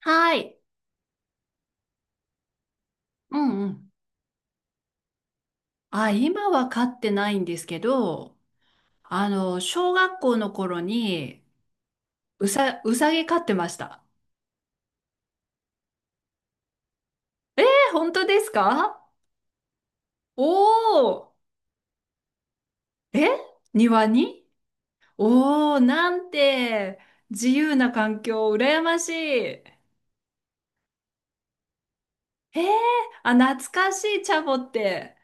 はい。うんうん。あ、今は飼ってないんですけど、あの、小学校の頃に、うさぎ飼ってました。え、本当ですか？おおー。え、庭に。おおー、なんて自由な環境、羨ましい。えー、あ、懐かしい、チャボって。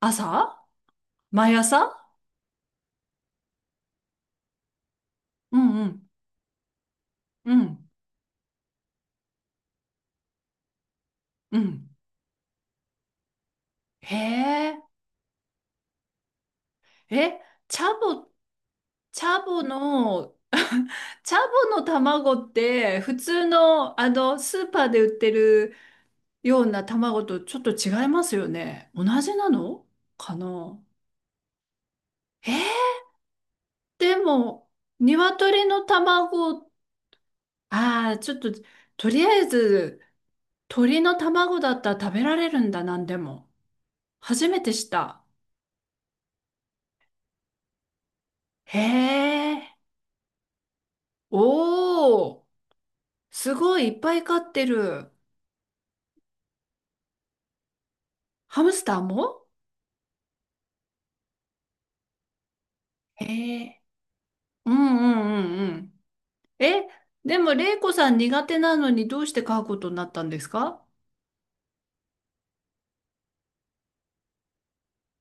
朝。毎朝。うんうん。うん。うん。へえ。え、チャボってチャボの、チャボの卵って普通の、あのスーパーで売ってるような卵とちょっと違いますよね。同じなのかな？えー、でも、鶏の卵、ああ、ちょっと、とりあえず、鳥の卵だったら食べられるんだ、なんでも。初めてした。へえ。おー、すごいいっぱい飼ってる。ハムスターも。へえ。うんうんうんうん。え、でも、玲子さん、苦手なのにどうして飼うことになったんですか？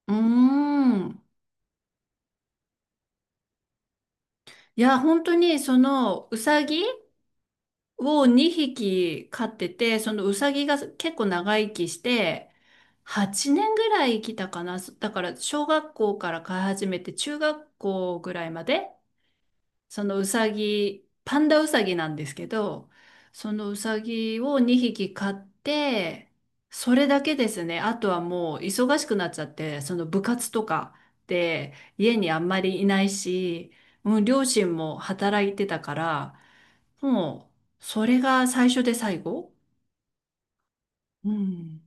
うーん。いや、本当に、その、うさぎを2匹飼ってて、そのうさぎが結構長生きして、8年ぐらい生きたかな。だから、小学校から飼い始めて、中学校ぐらいまで、そのうさぎ、パンダうさぎなんですけど、そのうさぎを2匹飼って、それだけですね。あとはもう忙しくなっちゃって、その部活とかで家にあんまりいないし、もう両親も働いてたから、もうそれが最初で最後。うん。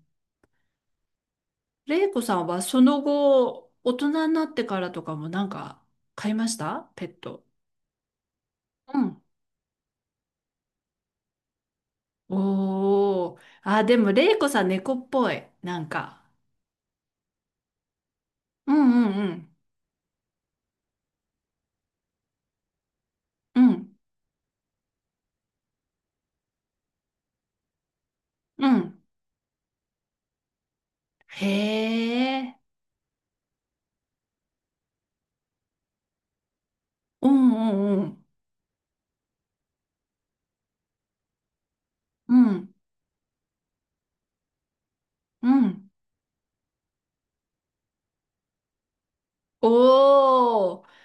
玲子さんはその後、大人になってからとかも、なんか買いましたペット？うん。おー。あ、でも、れいこさん猫っぽい、なんか。うんうんうん。うん。うん。へえ。うんうんうん。うん。うん。おー。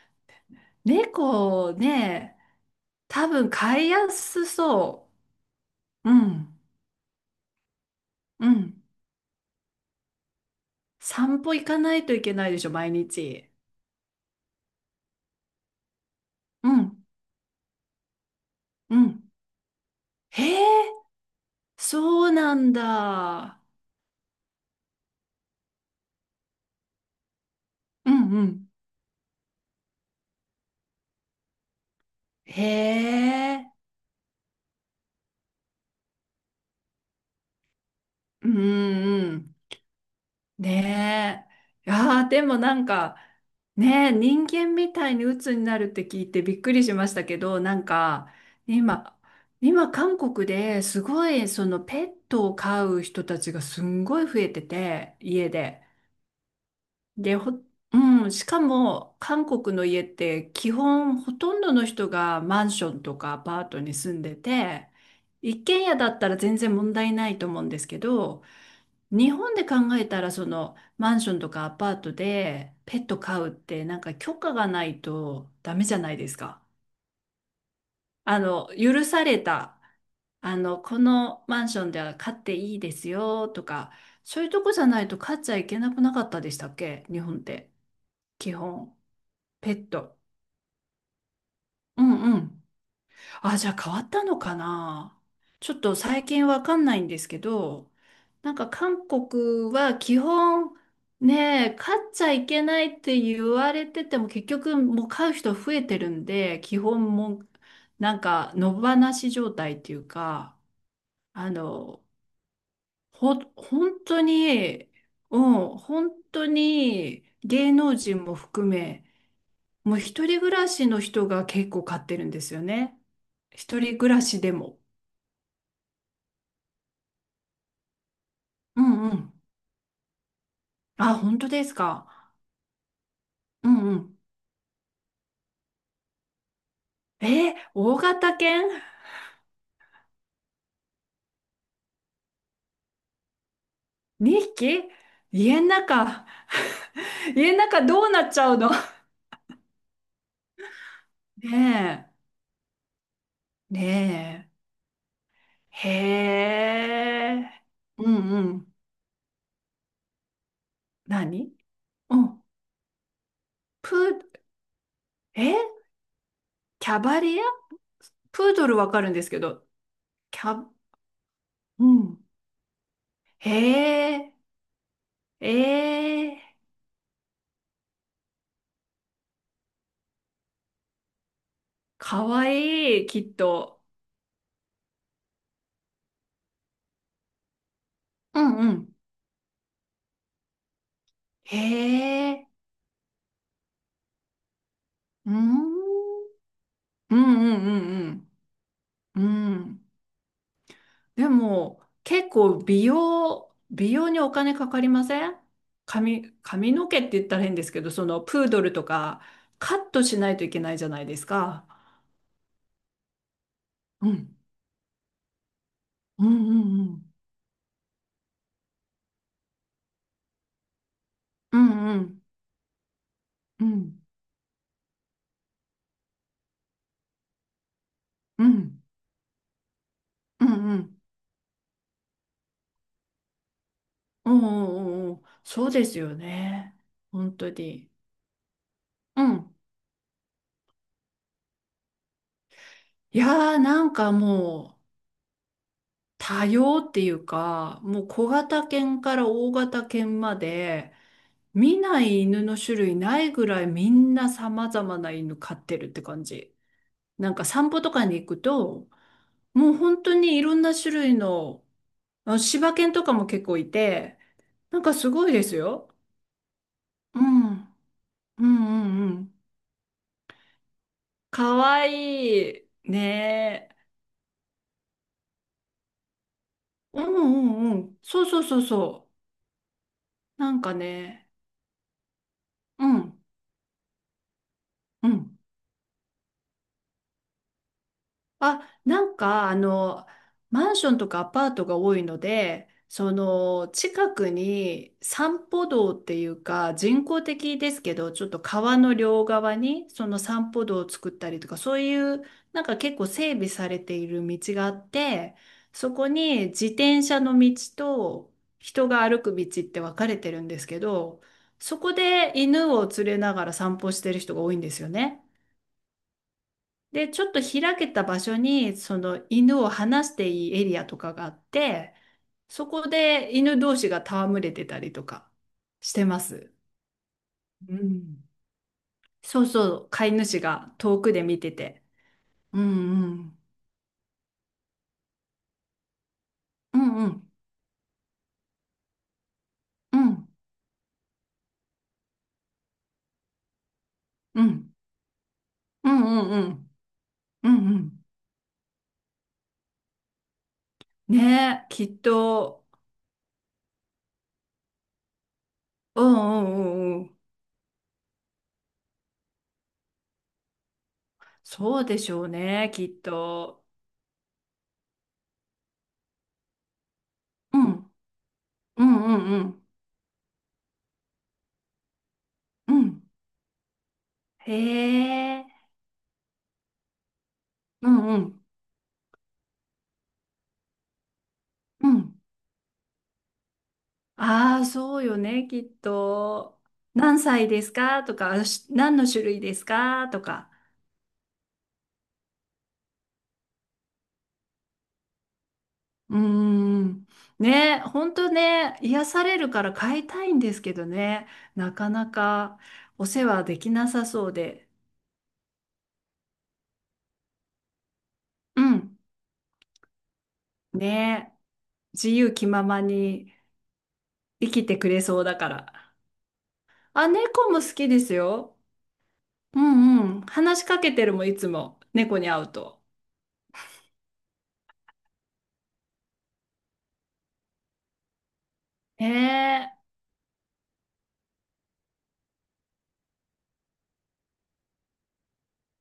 猫ね、多分飼いやすそう。うん。うん。散歩行かないといけないでしょ、毎日。うん。うん。へえ。そうなんだ。うんうん。へえ。うんうんうん。ねえ。いやー、でもなんか、ねえ、人間みたいに鬱になるって聞いてびっくりしましたけど、なんか、今、今韓国ですごい、そのペットを飼う人たちがすんごい増えてて、家で。で、うん、しかも韓国の家って、基本ほとんどの人がマンションとかアパートに住んでて、一軒家だったら全然問題ないと思うんですけど、日本で考えたら、そのマンションとかアパートでペット飼うって、なんか許可がないとダメじゃないですか。あの許されたあの、このマンションでは飼っていいですよとか、そういうとこじゃないと飼っちゃいけなくなかったでしたっけ、日本って、基本ペット。うんうん。あ、じゃあ変わったのかな。ちょっと最近わかんないんですけど、なんか韓国は基本ね、買っちゃいけないって言われてても結局もう買う人増えてるんで、基本もうなんか野放し状態っていうか、あの、本当に、うん、本当に芸能人も含め、もう一人暮らしの人が結構買ってるんですよね。一人暮らしでも。うんうん。あ、本当ですか。うんうん。えー、大型犬 ?2 匹、家の中、家の中どうなっちゃうの？ねえ。ねえ。へえ。うんうん。何？うん。プー、え、キャバリア、プードルわかるんですけど、キャ、うん。へえ。ええ、かわいい、きっと。うんうん。へえ。うん。うんうんうんうん。うん。でも、結構美容にお金かかりません？髪の毛って言ったら変ですけど、そのプードルとかカットしないといけないじゃないですか。うん。うんうんうん。うんうんうん。うんうんうんうんうんうん、そうですよね。本当に。うん。いやー、なんかもう多様っていうか、もう小型犬から大型犬まで、見ない犬の種類ないぐらい、みんな様々な犬飼ってるって感じ。なんか散歩とかに行くと、もう本当にいろんな種類の、あ、柴犬とかも結構いて、なんかすごいですよ。うん。うんうんうん。かわいい。ねえ。うんうんうん。そうそうそうそう。なんかね。うん。うん。あ、なんか、あの、マンションとかアパートが多いので、その、近くに散歩道っていうか、人工的ですけど、ちょっと川の両側に、その散歩道を作ったりとか、そういう、なんか結構整備されている道があって、そこに自転車の道と人が歩く道って分かれてるんですけど、そこで犬を連れながら散歩してる人が多いんですよね。で、ちょっと開けた場所に、その犬を放していいエリアとかがあって、そこで犬同士が戯れてたりとかしてます。うん。そうそう、飼い主が遠くで見てて。うんうん。うんうんうんうんうんうんうんうん。ねえ、きっと。うんうんうんうん。そうでしょうね、きっと。うんうんうんうんうん。へえ。ああ、そうよね、きっと。何歳ですかとか、何の種類ですかとか。うーん。ね、本当ね、癒されるから飼いたいんですけどね、なかなかお世話できなさそうで。うん。ね、自由気ままに生きてくれそうだから。あ、猫も好きですよ。うんうん。話しかけてるもん、いつも。猫に会うと。ねえ。